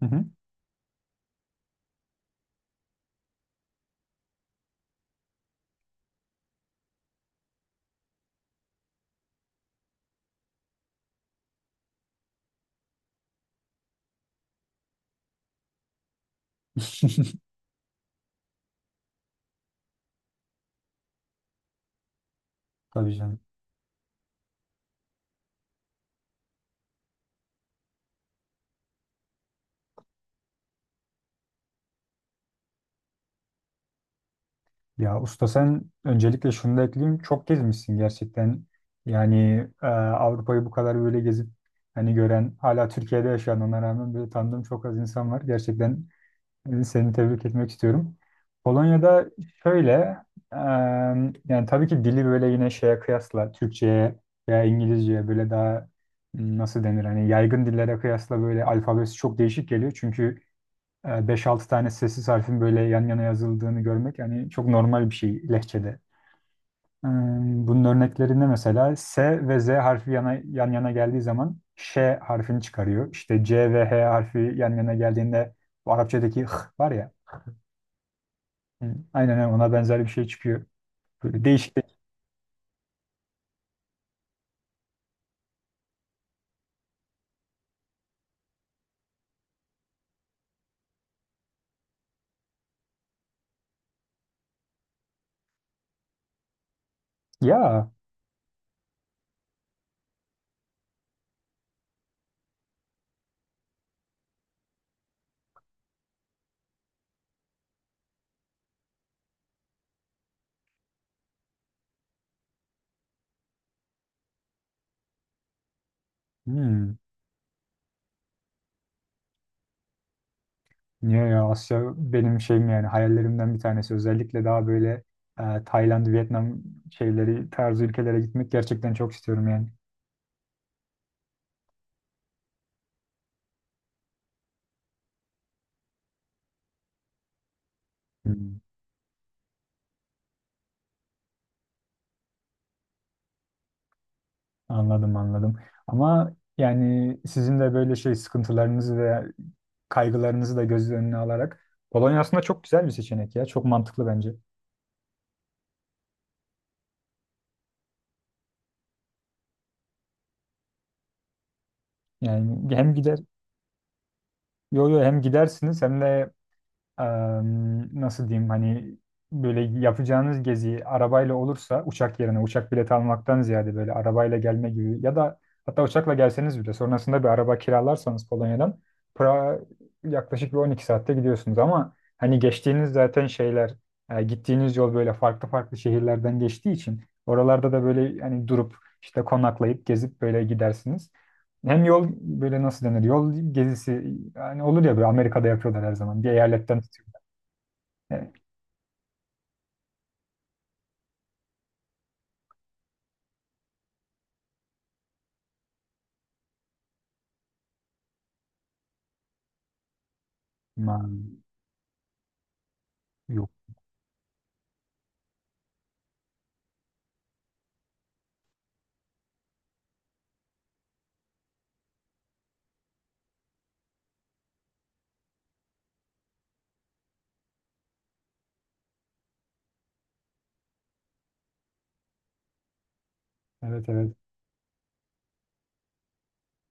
Hı hı. Tabii canım. Ya usta, sen öncelikle şunu da ekleyeyim. Çok gezmişsin gerçekten. Yani Avrupa'yı bu kadar böyle gezip hani gören, hala Türkiye'de yaşayan, ona rağmen böyle tanıdığım çok az insan var. Gerçekten seni tebrik etmek istiyorum. Polonya'da şöyle, e, yani tabii ki dili böyle yine şeye kıyasla Türkçe'ye veya İngilizce'ye böyle daha nasıl denir hani, yaygın dillere kıyasla böyle alfabesi çok değişik geliyor. Çünkü 5-6 tane sessiz harfin böyle yan yana yazıldığını görmek yani çok normal bir şey lehçede. Ee, Bunun örneklerinde mesela S ve Z harfi yan yana geldiği zaman Ş harfini çıkarıyor. İşte C ve H harfi yan yana geldiğinde bu Arapçadaki H var ya. Hı, Aynen öyle, ona benzer bir şey çıkıyor. Böyle değişik. Ya. hmm, Niye ya, Asya benim şeyim yani, hayallerimden bir tanesi. Özellikle daha böyle Tayland, Vietnam şeyleri tarzı ülkelere gitmek gerçekten çok istiyorum yani. Hmm. Anladım anladım. Ama yani sizin de böyle şey sıkıntılarınızı ve kaygılarınızı da göz önüne alarak Polonya aslında çok güzel bir seçenek ya. Çok mantıklı bence. Yani hem gider, yo yo, hem gidersiniz hem de nasıl diyeyim hani, böyle yapacağınız gezi arabayla olursa uçak yerine uçak bileti almaktan ziyade böyle arabayla gelme gibi ya da hatta uçakla gelseniz bile sonrasında bir araba kiralarsanız Polonya'dan Prag'a yaklaşık bir 12 saatte gidiyorsunuz, ama hani geçtiğiniz zaten şeyler, gittiğiniz yol böyle farklı farklı şehirlerden geçtiği için oralarda da böyle hani durup işte konaklayıp gezip böyle gidersiniz. Hem yol böyle, nasıl denir? Yol gezisi yani, olur ya böyle, Amerika'da yapıyorlar her zaman. Bir eyaletten... Evet. Man- Yok. Evet evet.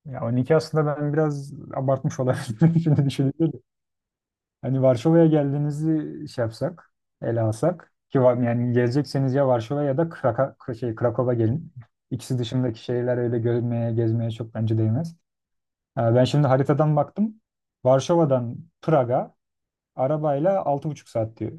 Ya 12 aslında ben biraz abartmış olabilirim şimdi düşününce de. Hani Varşova'ya geldiğinizi şey yapsak, ele alsak ki var, yani gelecekseniz ya Varşova ya da Krakow'a gelin. İkisi dışındaki şehirler öyle görülmeye, gezmeye çok bence değmez. Ha, ben şimdi haritadan baktım. Varşova'dan Prag'a arabayla 6,5 saat diyor.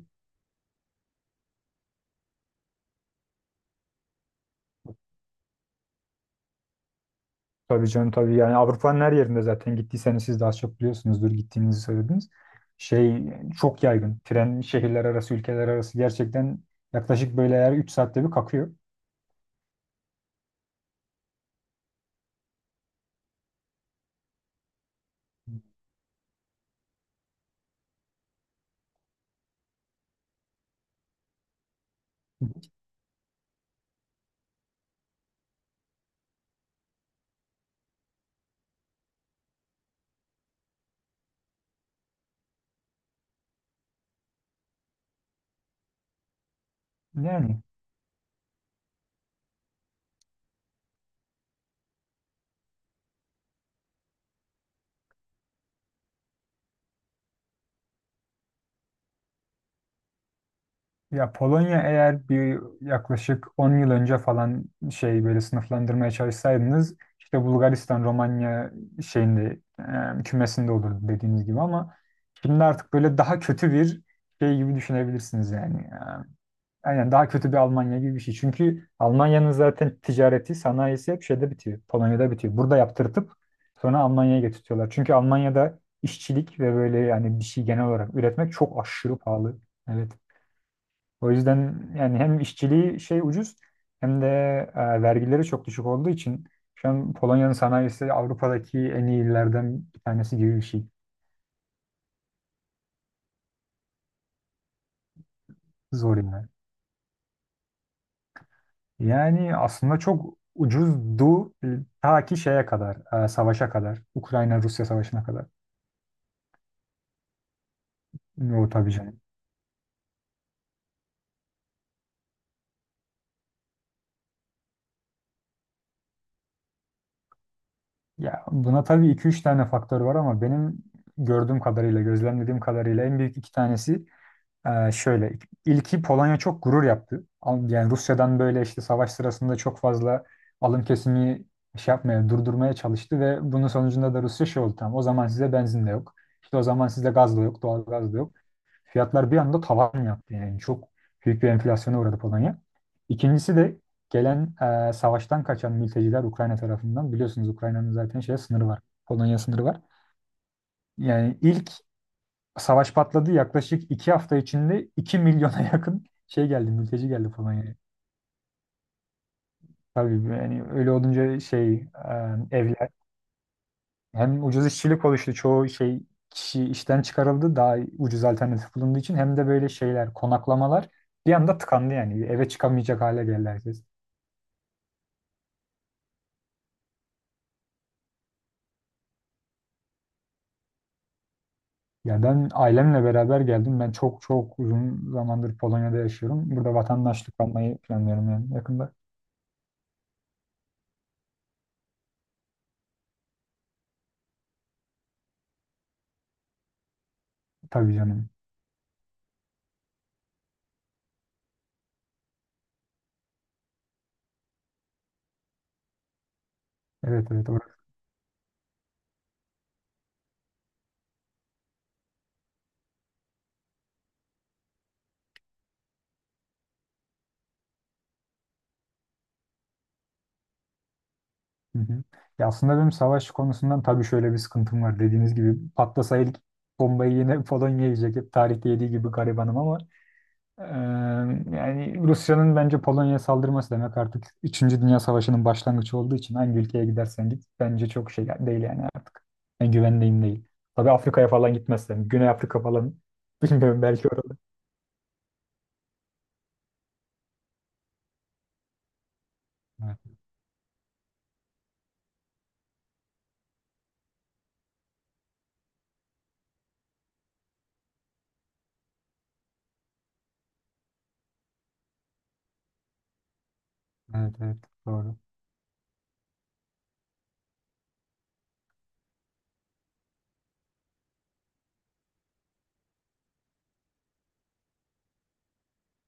Tabii canım tabii, yani Avrupa'nın her yerinde zaten gittiyseniz siz daha çok biliyorsunuzdur, gittiğinizi söylediniz. Şey çok yaygın. Tren şehirler arası, ülkeler arası gerçekten yaklaşık böyle her 3 saatte bir kalkıyor. Yani ya Polonya, eğer bir yaklaşık 10 yıl önce falan şey böyle sınıflandırmaya çalışsaydınız, işte Bulgaristan, Romanya şeyinde, kümesinde olurdu dediğiniz gibi, ama şimdi artık böyle daha kötü bir şey gibi düşünebilirsiniz yani. Aynen, daha kötü bir Almanya gibi bir şey. Çünkü Almanya'nın zaten ticareti, sanayisi hep şeyde bitiyor. Polonya'da bitiyor. Burada yaptırtıp sonra Almanya'ya getirtiyorlar. Çünkü Almanya'da işçilik ve böyle, yani bir şey genel olarak üretmek çok aşırı pahalı. Evet. O yüzden yani hem işçiliği şey ucuz, hem de vergileri çok düşük olduğu için şu an Polonya'nın sanayisi Avrupa'daki en iyilerden bir tanesi gibi bir şey. Zor yani. Yani aslında çok ucuzdu, ta ki şeye kadar, savaşa kadar, Ukrayna-Rusya savaşına kadar. O tabii canım. Ya buna tabii iki üç tane faktör var, ama benim gördüğüm kadarıyla, gözlemlediğim kadarıyla en büyük iki tanesi şöyle. İlki, Polonya çok gurur yaptı. Yani Rusya'dan böyle işte savaş sırasında çok fazla alım kesimi şey yapmaya, durdurmaya çalıştı ve bunun sonucunda da Rusya şey oldu, tamam. O zaman size benzin de yok. İşte o zaman size gaz da yok, doğal gaz da yok. Fiyatlar bir anda tavan yaptı yani. Çok büyük bir enflasyona uğradı Polonya. İkincisi de gelen, savaştan kaçan mülteciler Ukrayna tarafından. Biliyorsunuz, Ukrayna'nın zaten şey sınırı var. Polonya sınırı var. Yani ilk savaş patladı, yaklaşık 2 hafta içinde 2 milyona yakın şey geldi, mülteci geldi Polonya'ya. Tabii, yani öyle olunca şey, evler... Hem ucuz işçilik oluştu. Çoğu şey kişi işten çıkarıldı. Daha ucuz alternatif bulunduğu için. Hem de böyle şeyler, konaklamalar bir anda tıkandı yani. Eve çıkamayacak hale geldi herkes. Ya ben ailemle beraber geldim. Ben çok çok uzun zamandır Polonya'da yaşıyorum. Burada vatandaşlık almayı planlıyorum yani, yakında. Tabii canım. Evet evet. Orası. Hı hı. Ya aslında benim savaş konusundan tabii şöyle bir sıkıntım var. Dediğiniz gibi patlasa ilk bombayı yine Polonya yiyecek. Hep tarihte yediği gibi garibanım, ama eee, yani Rusya'nın bence Polonya'ya saldırması demek artık üçüncü Dünya Savaşı'nın başlangıcı olduğu için hangi ülkeye gidersen git bence çok şey değil yani artık. Yani güvendiğim değil. Tabii Afrika'ya falan gitmezsem. Güney Afrika falan bilmiyorum, belki orada. Evet, evet, evet, doğru.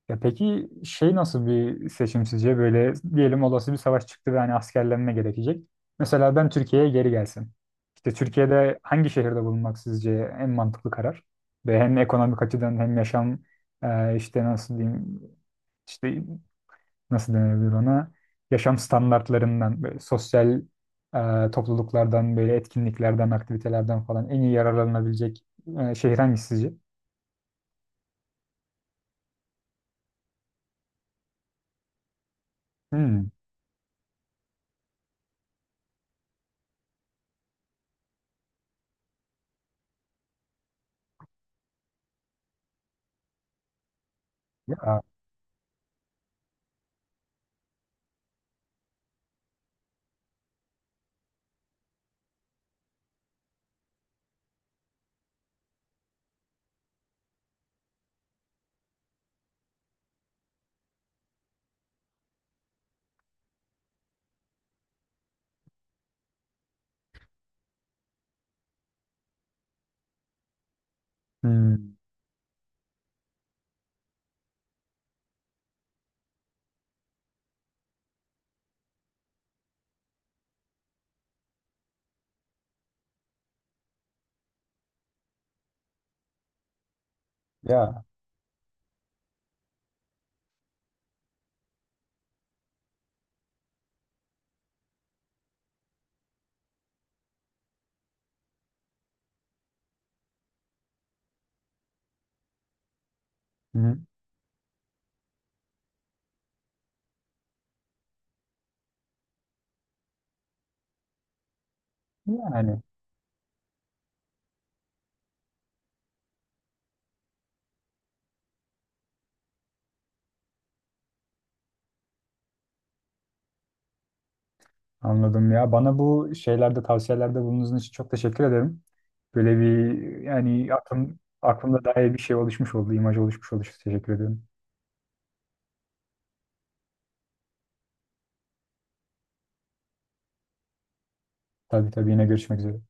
Ya peki şey, nasıl bir seçim sizce? Böyle diyelim, olası bir savaş çıktı ve hani askerlenme gerekecek. Mesela ben Türkiye'ye geri gelsin. İşte Türkiye'de hangi şehirde bulunmak sizce en mantıklı karar? Ve hem ekonomik açıdan hem yaşam, işte nasıl diyeyim, işte nasıl denebilir ona? Yaşam standartlarından, böyle sosyal, topluluklardan, böyle etkinliklerden, aktivitelerden falan en iyi yararlanabilecek şehir hangisi sizce? Hmm. Ya. Hmm. Ya. Hı. Yani anladım ya. Bana bu şeylerde tavsiyelerde bulunduğunuz için çok teşekkür ederim. Böyle bir, yani aklımda dair bir şey oluşmuş oldu, imaj oluşmuş oldu. Teşekkür ederim. Tabii tabii, yine görüşmek üzere.